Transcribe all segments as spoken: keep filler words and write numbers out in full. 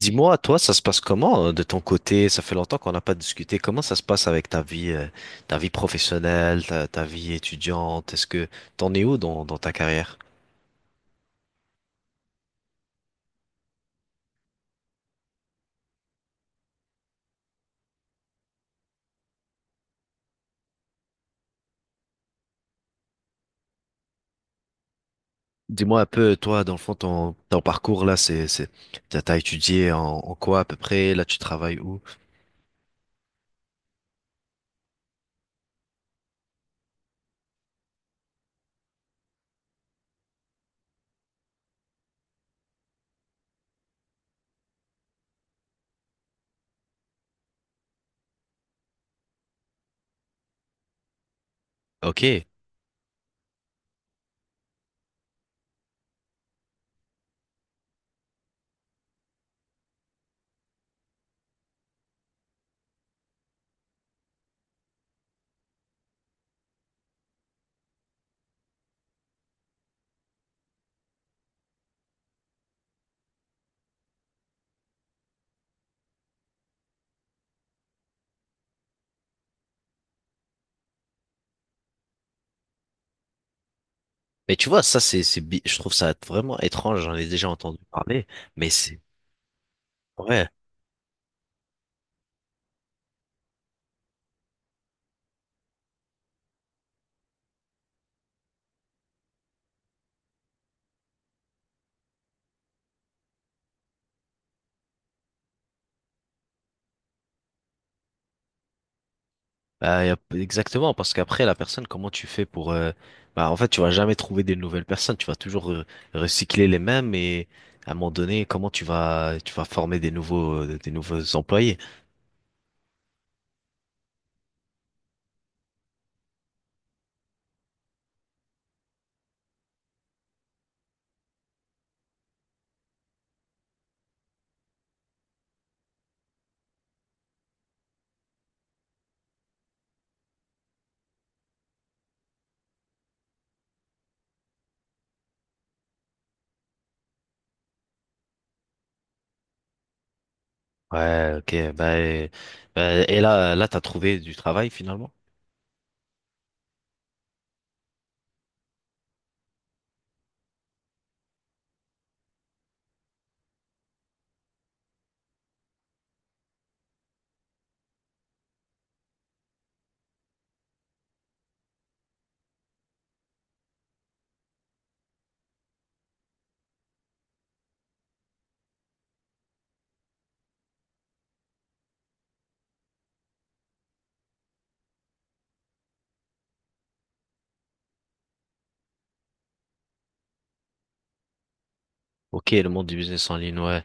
Dis-moi, toi, ça se passe comment euh, de ton côté? Ça fait longtemps qu'on n'a pas discuté. Comment ça se passe avec ta vie, euh, ta vie professionnelle, ta, ta vie étudiante? Est-ce que t'en es où dans, dans ta carrière? Dis-moi un peu, toi, dans le fond, ton, ton parcours là, c'est, c'est, t'as t'as étudié en, en quoi à peu près? Là, tu travailles où? Ok. Mais tu vois, ça, c'est, c'est, bi- je trouve ça vraiment étrange. J'en ai déjà entendu parler, mais c'est, ouais. Bah, y a- exactement, parce qu'après, la personne, comment tu fais pour... euh, Bah, en fait, tu vas jamais trouver des nouvelles personnes, tu vas toujours euh, recycler les mêmes et à un moment donné, comment tu vas tu vas former des nouveaux euh, des nouveaux employés? Ouais, ok, bah, et, bah, et là, là, t'as trouvé du travail finalement? Ok, le monde du business en ligne, ouais.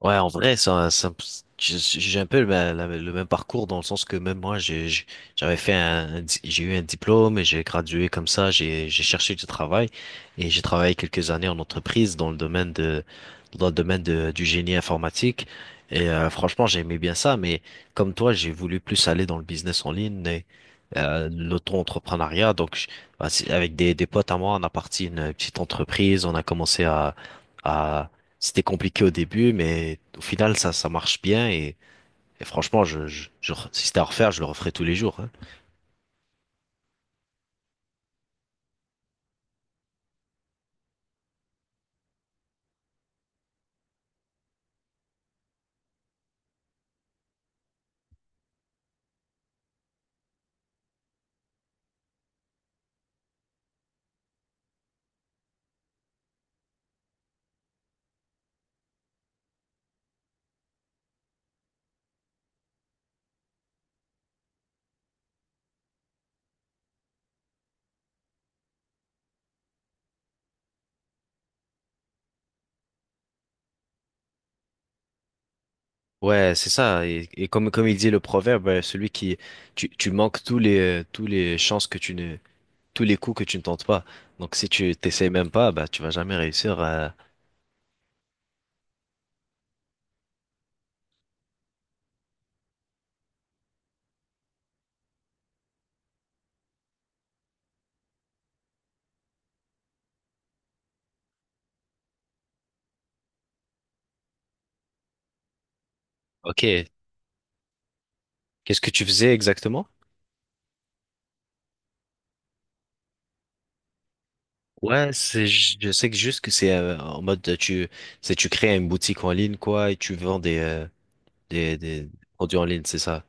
Ouais, en vrai, ça, ça- j'ai j'ai un peu la- la- le même parcours dans le sens que même moi, j'ai, j'ai- j'avais fait un, un di- j'ai eu un diplôme et j'ai gradué comme ça, j'ai, j'ai cherché du travail et j'ai travaillé quelques années en entreprise dans le domaine de, dans le domaine de- du génie informatique. Et euh, franchement, j'aimais bien ça, mais comme toi, j'ai voulu plus aller dans le business en ligne et euh, l'auto-entrepreneuriat. Donc, je- bah, c'est- avec des, des potes à moi, on a parti une petite entreprise, on a commencé à, à c'était compliqué au début, mais au final, ça, ça marche bien et, et franchement, je, je, je- si c'était à refaire, je le referais tous les jours, hein. Ouais, c'est ça. Et, et comme, comme il dit le proverbe, euh, celui qui, tu, tu manques tous les, euh, tous les chances que tu ne, tous les coups que tu ne tentes pas. Donc, si tu t'essayes même pas, bah, tu vas jamais réussir. À- Ok. Qu'est-ce que tu faisais exactement? Ouais, c'est, ju- je sais que juste que c'est euh, en mode euh, tu, c'est tu crées une boutique en ligne quoi et tu vends des, euh, des, des produits en ligne, c'est ça.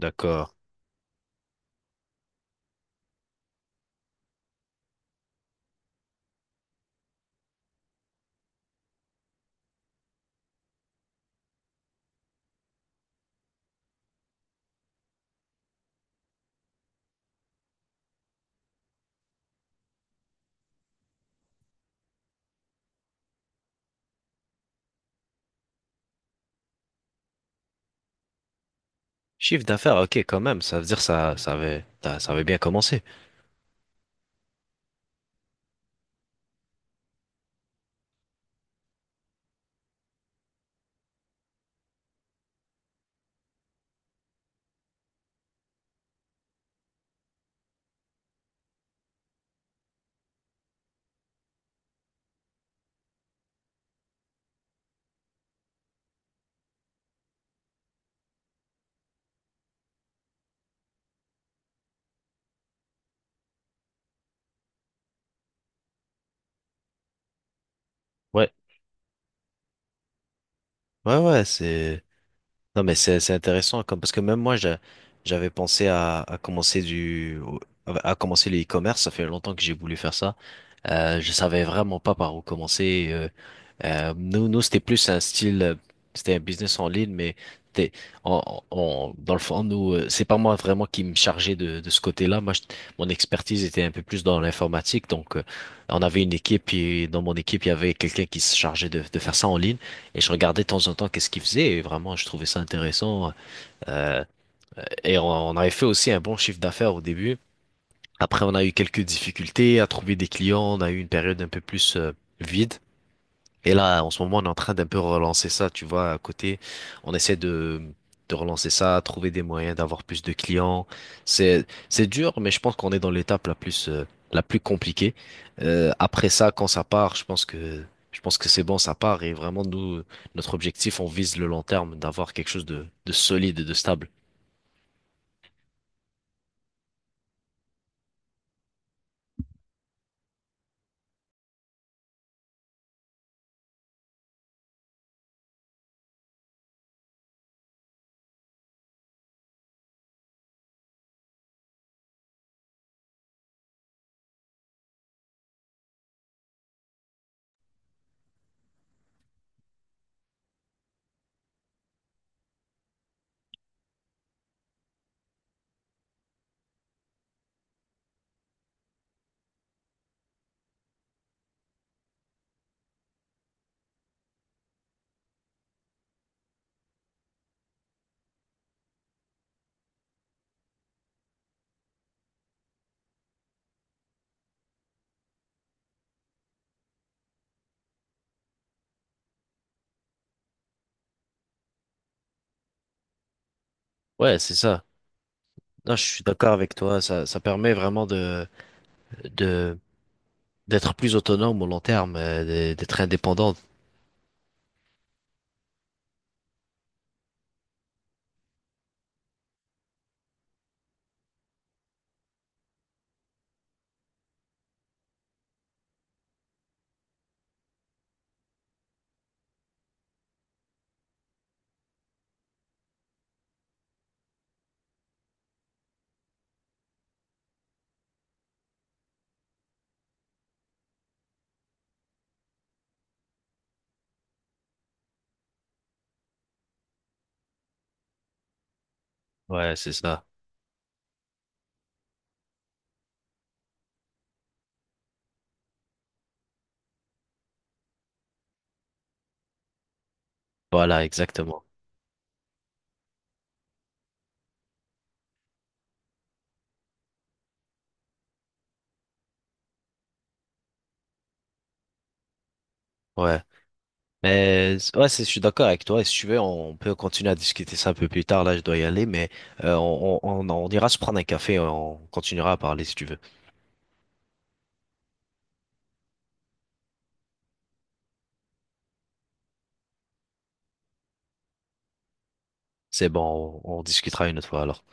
D'accord. Chiffre d'affaires, ok, quand même, ça veut dire ça, ça avait, ça ça avait bien commencé. Ouais, ouais, ouais, c'est, non, mais c'est, c'est intéressant, comme, parce que même moi, j'a- j'avais pensé à, à commencer du, à commencer le e-commerce, ça fait longtemps que j'ai voulu faire ça. Euh, je savais vraiment pas par où commencer. euh, Euh, nous, nous c'était plus un style, euh, c'était un business en ligne, mais c'était- on, on- dans le fond, nous, euh, c'est pas moi vraiment qui me chargeais de, de ce côté-là. Moi, je- mon expertise était un peu plus dans l'informatique, donc euh, on avait une équipe et dans mon équipe, il y avait quelqu'un qui se chargeait de, de faire ça en ligne et je regardais de temps en temps qu'est-ce qu'il faisait et vraiment, je trouvais ça intéressant. Euh, et on, on avait fait aussi un bon chiffre d'affaires au début. Après, on a eu quelques difficultés à trouver des clients, on a eu une période un peu plus euh, vide. Et là, en ce moment, on est en train d'un peu relancer ça, tu vois, à côté. On essaie de, de relancer ça, trouver des moyens d'avoir plus de clients. C'est, c'est dur, mais je pense qu'on est dans l'étape la plus, euh, la plus compliquée. Euh, après ça, quand ça part, je pense que, je pense que c'est bon, ça part. Et vraiment, nous, notre objectif, on vise le long terme, d'avoir quelque chose de, de solide et de stable. Ouais, c'est ça. Non, je suis d'accord avec toi. Ça, ça permet vraiment de, de, d'être plus autonome au long terme, euh, d'être indépendant. Ouais, c'est ça. Voilà, exactement. Ouais. Mais ouais, c'est- je suis d'accord avec toi. Et si tu veux, on peut continuer à discuter ça un peu plus tard. Là, je dois y aller, mais euh, on, on, on on ira se prendre un café. On continuera à parler si tu veux. C'est bon, on, on discutera une autre fois alors.